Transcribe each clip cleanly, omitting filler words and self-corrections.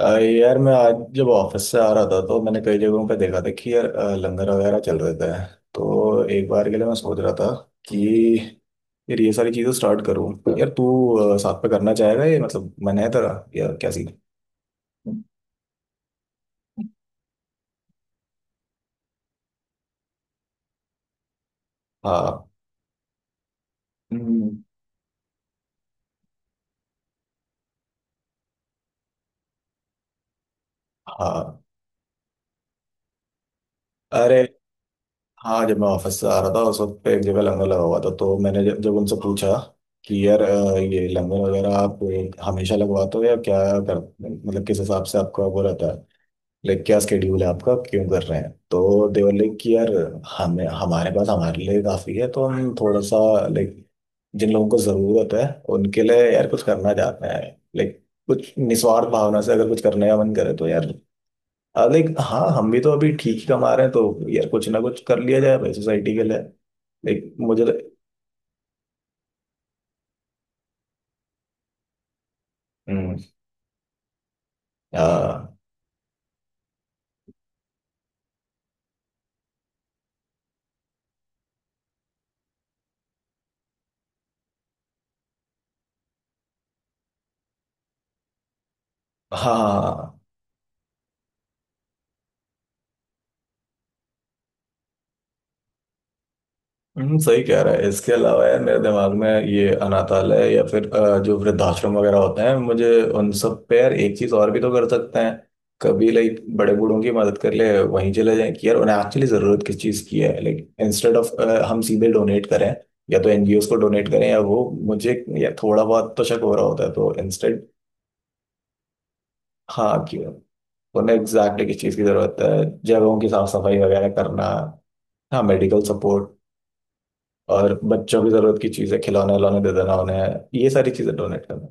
यार मैं आज जब ऑफिस से आ रहा था तो मैंने कई जगहों पे देखा था कि यार लंगर वगैरह चल रहे थे। तो एक बार के लिए मैं सोच रहा था कि यार ये सारी चीजें स्टार्ट करूँ। यार तू साथ पे करना चाहेगा? ये मतलब मन है तेरा या क्या सीन? हाँ। हम्म। हाँ। अरे हाँ, जब मैं ऑफिस से आ रहा था उस वक्त पे एक जगह लंगर लगा हुआ था तो मैंने जब उनसे पूछा कि यार ये लंगर वगैरह आप हमेशा लगवाते हो या क्या कर मतलब किस हिसाब से आपका वो रहता है। लाइक क्या स्केड्यूल है आपका, क्यों कर रहे हैं? तो देवर लाइक कि यार हमें हमारे पास हमारे लिए काफ़ी है तो हम थोड़ा सा लाइक जिन लोगों को ज़रूरत है उनके लिए यार कुछ करना चाहते हैं। लाइक कुछ निस्वार्थ भावना से अगर कुछ करने का मन करे तो यार, लाइक हाँ, हम भी तो अभी ठीक ही कमा रहे हैं तो यार कुछ ना कुछ कर लिया जाए भाई सोसाइटी के लिए। लाइक हम्म। हाँ। हाँ। हाँ। सही कह रहा है। इसके अलावा यार मेरे दिमाग में ये अनाथालय या फिर जो वृद्धाश्रम वगैरह होते हैं, मुझे उन सब पे यार एक चीज और भी तो कर सकते हैं। कभी लाइक बड़े बूढ़ों की मदद कर ले, वहीं चले जाएं कि यार उन्हें एक्चुअली जरूरत किस चीज की है। लाइक इंस्टेड ऑफ हम सीधे डोनेट करें, या तो एनजीओ को डोनेट करें या वो मुझे या थोड़ा बहुत तो शक हो रहा होता है तो इंस्टेड हाँ कि उन्हें एग्जैक्टली किस चीज की जरूरत है। जगहों की साफ सफाई वगैरह करना। हाँ, मेडिकल सपोर्ट। और बच्चों की जरूरत की चीजें खिलौने उलौने दे देना उन्हें। ये सारी चीजें डोनेट करना।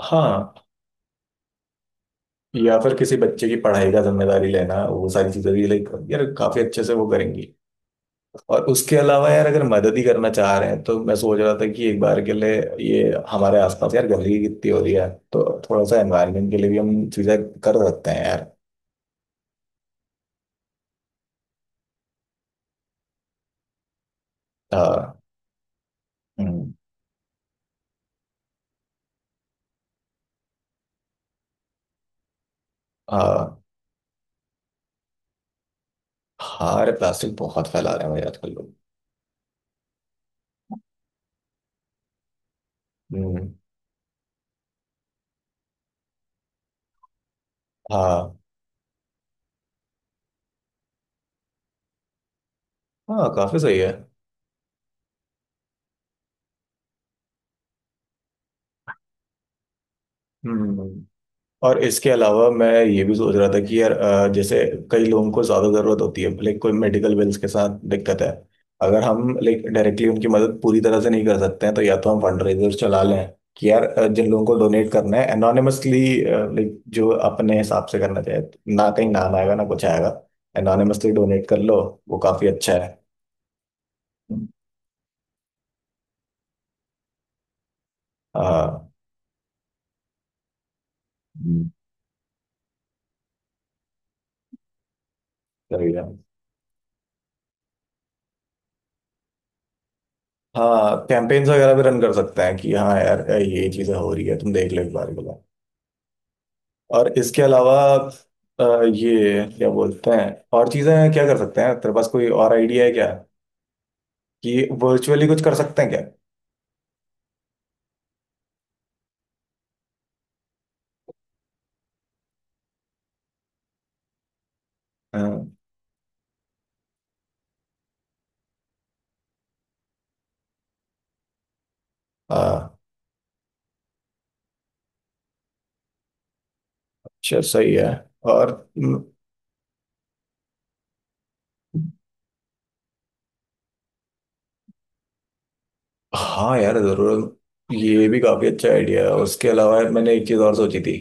हाँ। या फिर किसी बच्चे की पढ़ाई का जिम्मेदारी लेना, वो सारी चीजें भी लाइक यार काफी अच्छे से वो करेंगी। और उसके अलावा यार अगर मदद ही करना चाह रहे हैं तो मैं सोच रहा था कि एक बार के लिए ये हमारे आसपास यार गंदगी कितनी हो रही है, तो थोड़ा सा एनवायरनमेंट के लिए भी हम चीजें कर सकते हैं यार। हाँ। हम्म। हाँ। हाँ, अरे प्लास्टिक बहुत फैला रहे हैं भाई आजकल लोग। हम्म। हाँ। हाँ, काफी सही है। हम्म। और इसके अलावा मैं ये भी सोच रहा था कि यार जैसे कई लोगों को ज़्यादा ज़रूरत होती है, लाइक कोई मेडिकल बिल्स के साथ दिक्कत है, अगर हम लाइक डायरेक्टली उनकी मदद पूरी तरह से नहीं कर सकते हैं तो या तो हम फंड रेजर चला लें कि यार जिन लोगों को डोनेट करना है एनोनिमसली, लाइक जो अपने हिसाब से करना चाहे। ना कहीं नाम आएगा ना कुछ आएगा, एनोनिमसली डोनेट कर लो। वो काफ़ी अच्छा है। हाँ। हम्म। सही है। हाँ, कैंपेन्स वगैरह भी रन कर सकते हैं कि हाँ यार ये चीज़ें हो रही है तुम देख लो एक बार के लिए। और इसके अलावा अ, ये क्या बोलते हैं, और चीजें क्या कर सकते हैं? तेरे पास कोई और आइडिया है क्या कि वर्चुअली कुछ कर सकते हैं क्या? हाँ। हाँ। अच्छा, सही है। और म, हाँ यार, जरूर ये भी काफी अच्छा आइडिया है। उसके अलावा मैंने एक चीज और सोची थी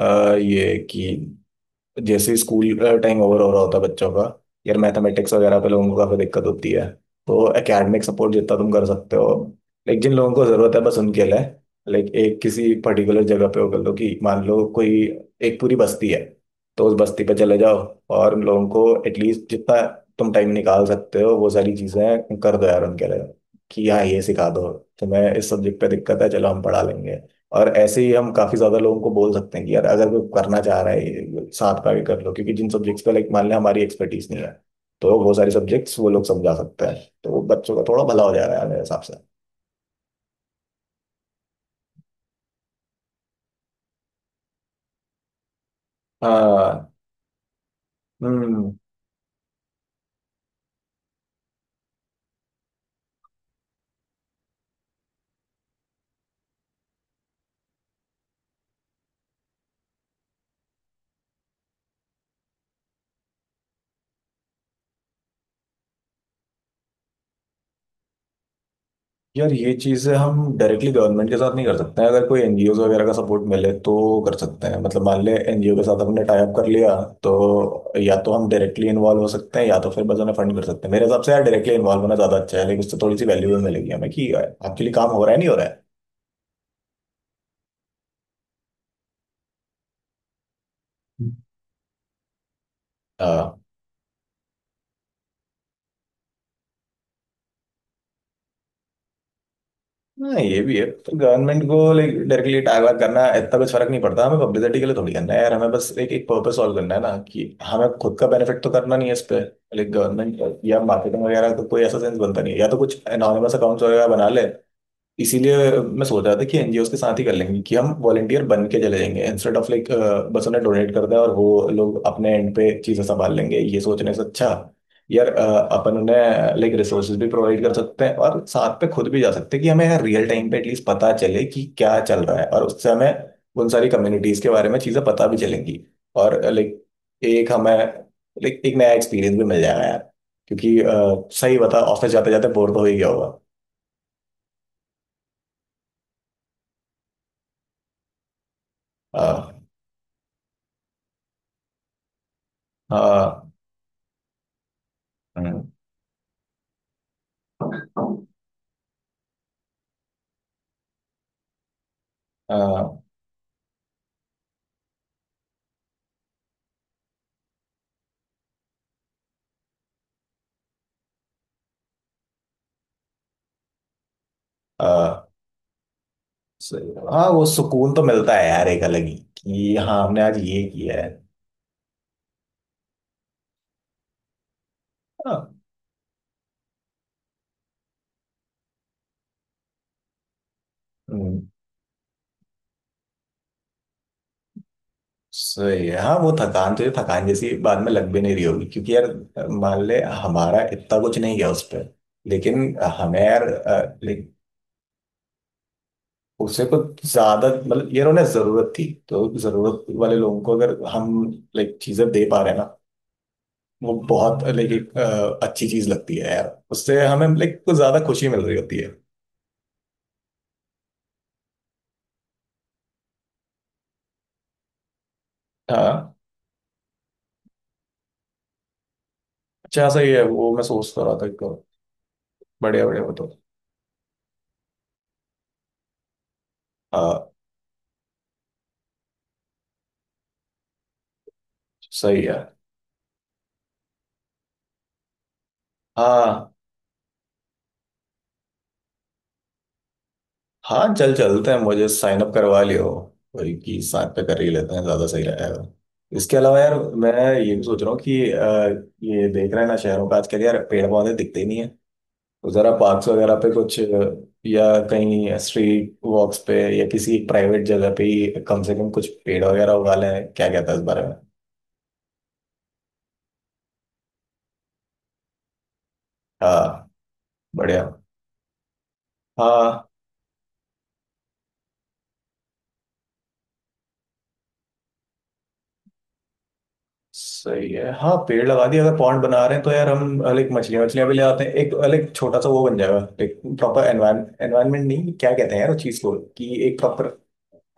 अ, ये कि जैसे स्कूल टाइम ओवर हो रहा होता है बच्चों का, यार मैथमेटिक्स वगैरह पे लोगों को काफी दिक्कत होती है, तो एकेडमिक सपोर्ट जितना तुम कर सकते हो लाइक जिन लोगों को जरूरत है बस उनके लिए। लाइक एक किसी पर्टिकुलर जगह पे वो कर लो कि मान लो कोई एक पूरी बस्ती है तो उस बस्ती पे चले जाओ और उन लोगों को एटलीस्ट जितना तुम टाइम निकाल सकते हो वो सारी चीजें कर दो यार उनके लिए। कि हाँ ये सिखा दो, तुम्हें इस सब्जेक्ट पे दिक्कत है चलो हम पढ़ा लेंगे। और ऐसे ही हम काफी ज्यादा लोगों को बोल सकते हैं कि यार अगर कोई करना चाह रहा है ये साथ का भी कर लो क्योंकि जिन सब्जेक्ट्स पे लाइक मान लें हमारी एक्सपर्टीज नहीं है तो वो सारे सब्जेक्ट्स वो लोग समझा सकते हैं तो बच्चों का थोड़ा भला हो जा रहा है मेरे हिसाब से। हाँ। हम्म। यार ये चीज़ें हम डायरेक्टली गवर्नमेंट के साथ नहीं कर सकते हैं, अगर कोई एनजीओ वगैरह का सपोर्ट मिले तो कर सकते हैं। मतलब मान ले एनजीओ के साथ हमने टाई अप कर लिया, तो या तो हम डायरेक्टली इन्वॉल्व हो सकते हैं या तो फिर बस उन्हें फंड कर सकते हैं। मेरे हिसाब से यार डायरेक्टली इन्वॉल्व होना ज़्यादा अच्छा है, लेकिन उससे थोड़ी सी वैल्यू भी मिलेगी हमें कि आपके लिए काम हो रहा है नहीं हो रहा है। हाँ ये भी है। तो गवर्नमेंट को लाइक डायरेक्टली अटैक वैक करना इतना कुछ फर्क नहीं पड़ता, हमें पब्लिसिटी के लिए थोड़ी करना है यार, हमें बस एक एक पर्पस सॉल्व करना है ना कि हमें खुद का बेनिफिट तो करना नहीं है इस पे। लाइक गवर्नमेंट या मार्केटिंग वगैरह तो कोई ऐसा सेंस बनता नहीं है, या तो कुछ एनोनिमस अकाउंट्स वगैरह बना ले। इसीलिए मैं सोच रहा था कि एनजीओ के साथ ही कर लेंगे कि हम वॉलंटियर बन के चले जाएंगे, इंस्टेड ऑफ लाइक बस उन्हें डोनेट कर दें और वो लोग अपने एंड पे चीजें संभाल लेंगे ये सोचने से अच्छा यार अपन उन्हें लाइक रिसोर्सेज भी प्रोवाइड कर सकते हैं और साथ पे खुद भी जा सकते हैं कि हमें यार रियल टाइम पे एटलीस्ट पता चले कि क्या चल रहा है, और उससे हमें उन सारी कम्युनिटीज के बारे में चीजें पता भी चलेंगी और लाइक एक हमें लाइक एक नया एक्सपीरियंस भी मिल जाएगा यार, क्योंकि सही बता ऑफिस जाते जाते बोर तो हो ही गया होगा। अ, हाँ। हम्म। हाँ। हाँ, सही। हाँ वो सुकून तो मिलता है यार एक अलग ही कि हाँ हमने आज ये किया है। हाँ। हम्म। सही है हाँ, वो थकान तो ये थकान जैसी बाद में लग भी नहीं रही होगी क्योंकि यार मान ले हमारा इतना कुछ नहीं गया उस पर। लेकिन हमें यार उसे कुछ ज्यादा मतलब यार उन्हें जरूरत थी तो जरूरत वाले लोगों को अगर हम लाइक चीजें दे पा रहे हैं ना वो बहुत लाइक एक अच्छी चीज लगती है यार, उससे हमें लाइक कुछ ज्यादा खुशी मिल रही होती है। हाँ। अच्छा सही है, वो मैं सोचता रहा था क्यों। बढ़िया बढ़िया। बताओ। हाँ। सही है। हाँ। हाँ चल चलते हैं, मुझे साइन अप करवा लियो। वही कि साथ पे कर ही लेते हैं ज्यादा सही रहेगा। इसके अलावा यार मैं ये भी सोच रहा हूँ कि ये देख रहे हैं ना शहरों का, आजकल यार पेड़ पौधे दिखते ही नहीं है, तो जरा पार्क्स वगैरह पे कुछ या कहीं स्ट्रीट वॉक्स पे या किसी प्राइवेट जगह पे ही कम से कम कुछ पेड़ वगैरह उगा लें। क्या कहता है इस बारे में? हाँ। बढ़िया। हाँ। सही है हाँ, पेड़ लगा दिया, अगर पॉन्ड बना रहे हैं तो यार हम लाइक मछलियाँ मछलियाँ भी ले आते हैं, एक लाइक छोटा सा वो बन जाएगा, लाइक प्रॉपर एनवायरमेंट, नहीं क्या कहते हैं यार उस चीज को, कि एक प्रॉपर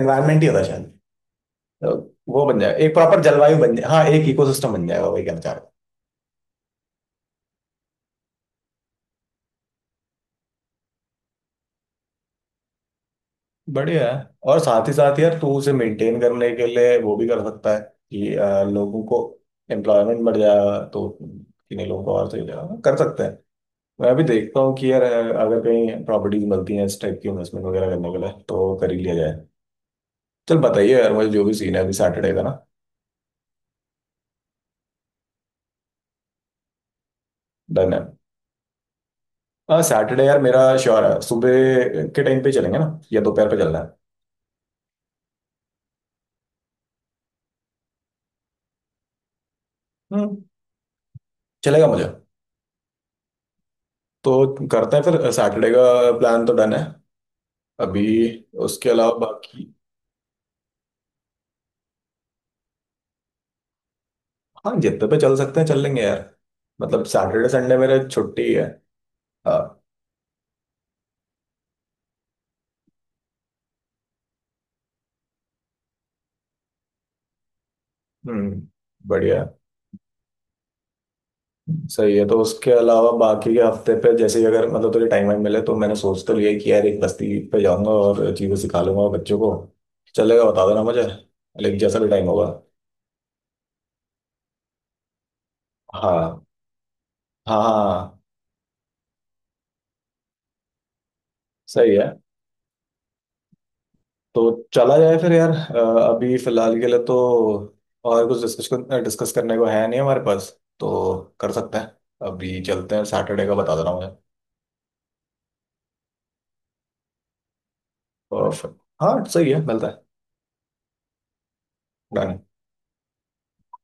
एनवायरमेंट ही होता है शायद। तो वो बन जाएगा, एक प्रॉपर जलवायु बन जाए, हाँ एक इकोसिस्टम बन जाएगा, वही कहना चाह रहा हूँ। बढ़िया है। और साथ ही साथ यार तू उसे मेंटेन करने के लिए वो भी कर सकता है कि लोगों को एम्प्लॉयमेंट बढ़ जाएगा, तो किन्हीं लोगों को और सही हो जाएगा, कर सकते हैं। मैं अभी देखता हूँ कि यार अगर कहीं प्रॉपर्टीज मिलती हैं इस टाइप की इन्वेस्टमेंट वगैरह करने के लिए तो कर ही लिया जाए। चल बताइए यार मुझे जो भी सीन है अभी सैटरडे का ना। डन है। हाँ सैटरडे यार मेरा श्योर है, सुबह के टाइम पे चलेंगे ना या दोपहर पे चलना है? हम्म। चलेगा मुझे। तो करते हैं फिर सैटरडे का, प्लान तो डन है अभी। उसके अलावा बाकी हाँ जितने पे चल सकते हैं चल लेंगे यार, मतलब सैटरडे संडे मेरे छुट्टी है। हाँ। हम्म। बढ़िया। सही है, तो उसके अलावा बाकी के हफ्ते पे जैसे ही अगर मतलब तुझे टाइम वाइम मिले तो मैंने सोच तो लिया है कि यार एक बस्ती पे जाऊंगा और चीजें सिखा लूंगा बच्चों को। चलेगा, बता देना मुझे, लेकिन जैसा भी टाइम होगा। हाँ। हाँ। हाँ। सही है। तो चला जाए फिर यार, अभी फिलहाल के लिए तो और कुछ डिस्कस डिस्कस करने को है नहीं हमारे पास, तो कर सकते हैं। अभी चलते हैं, सैटरडे का बता दे रहा हूँ मुझे। परफेक्ट। हाँ सही है, मिलता है। Done।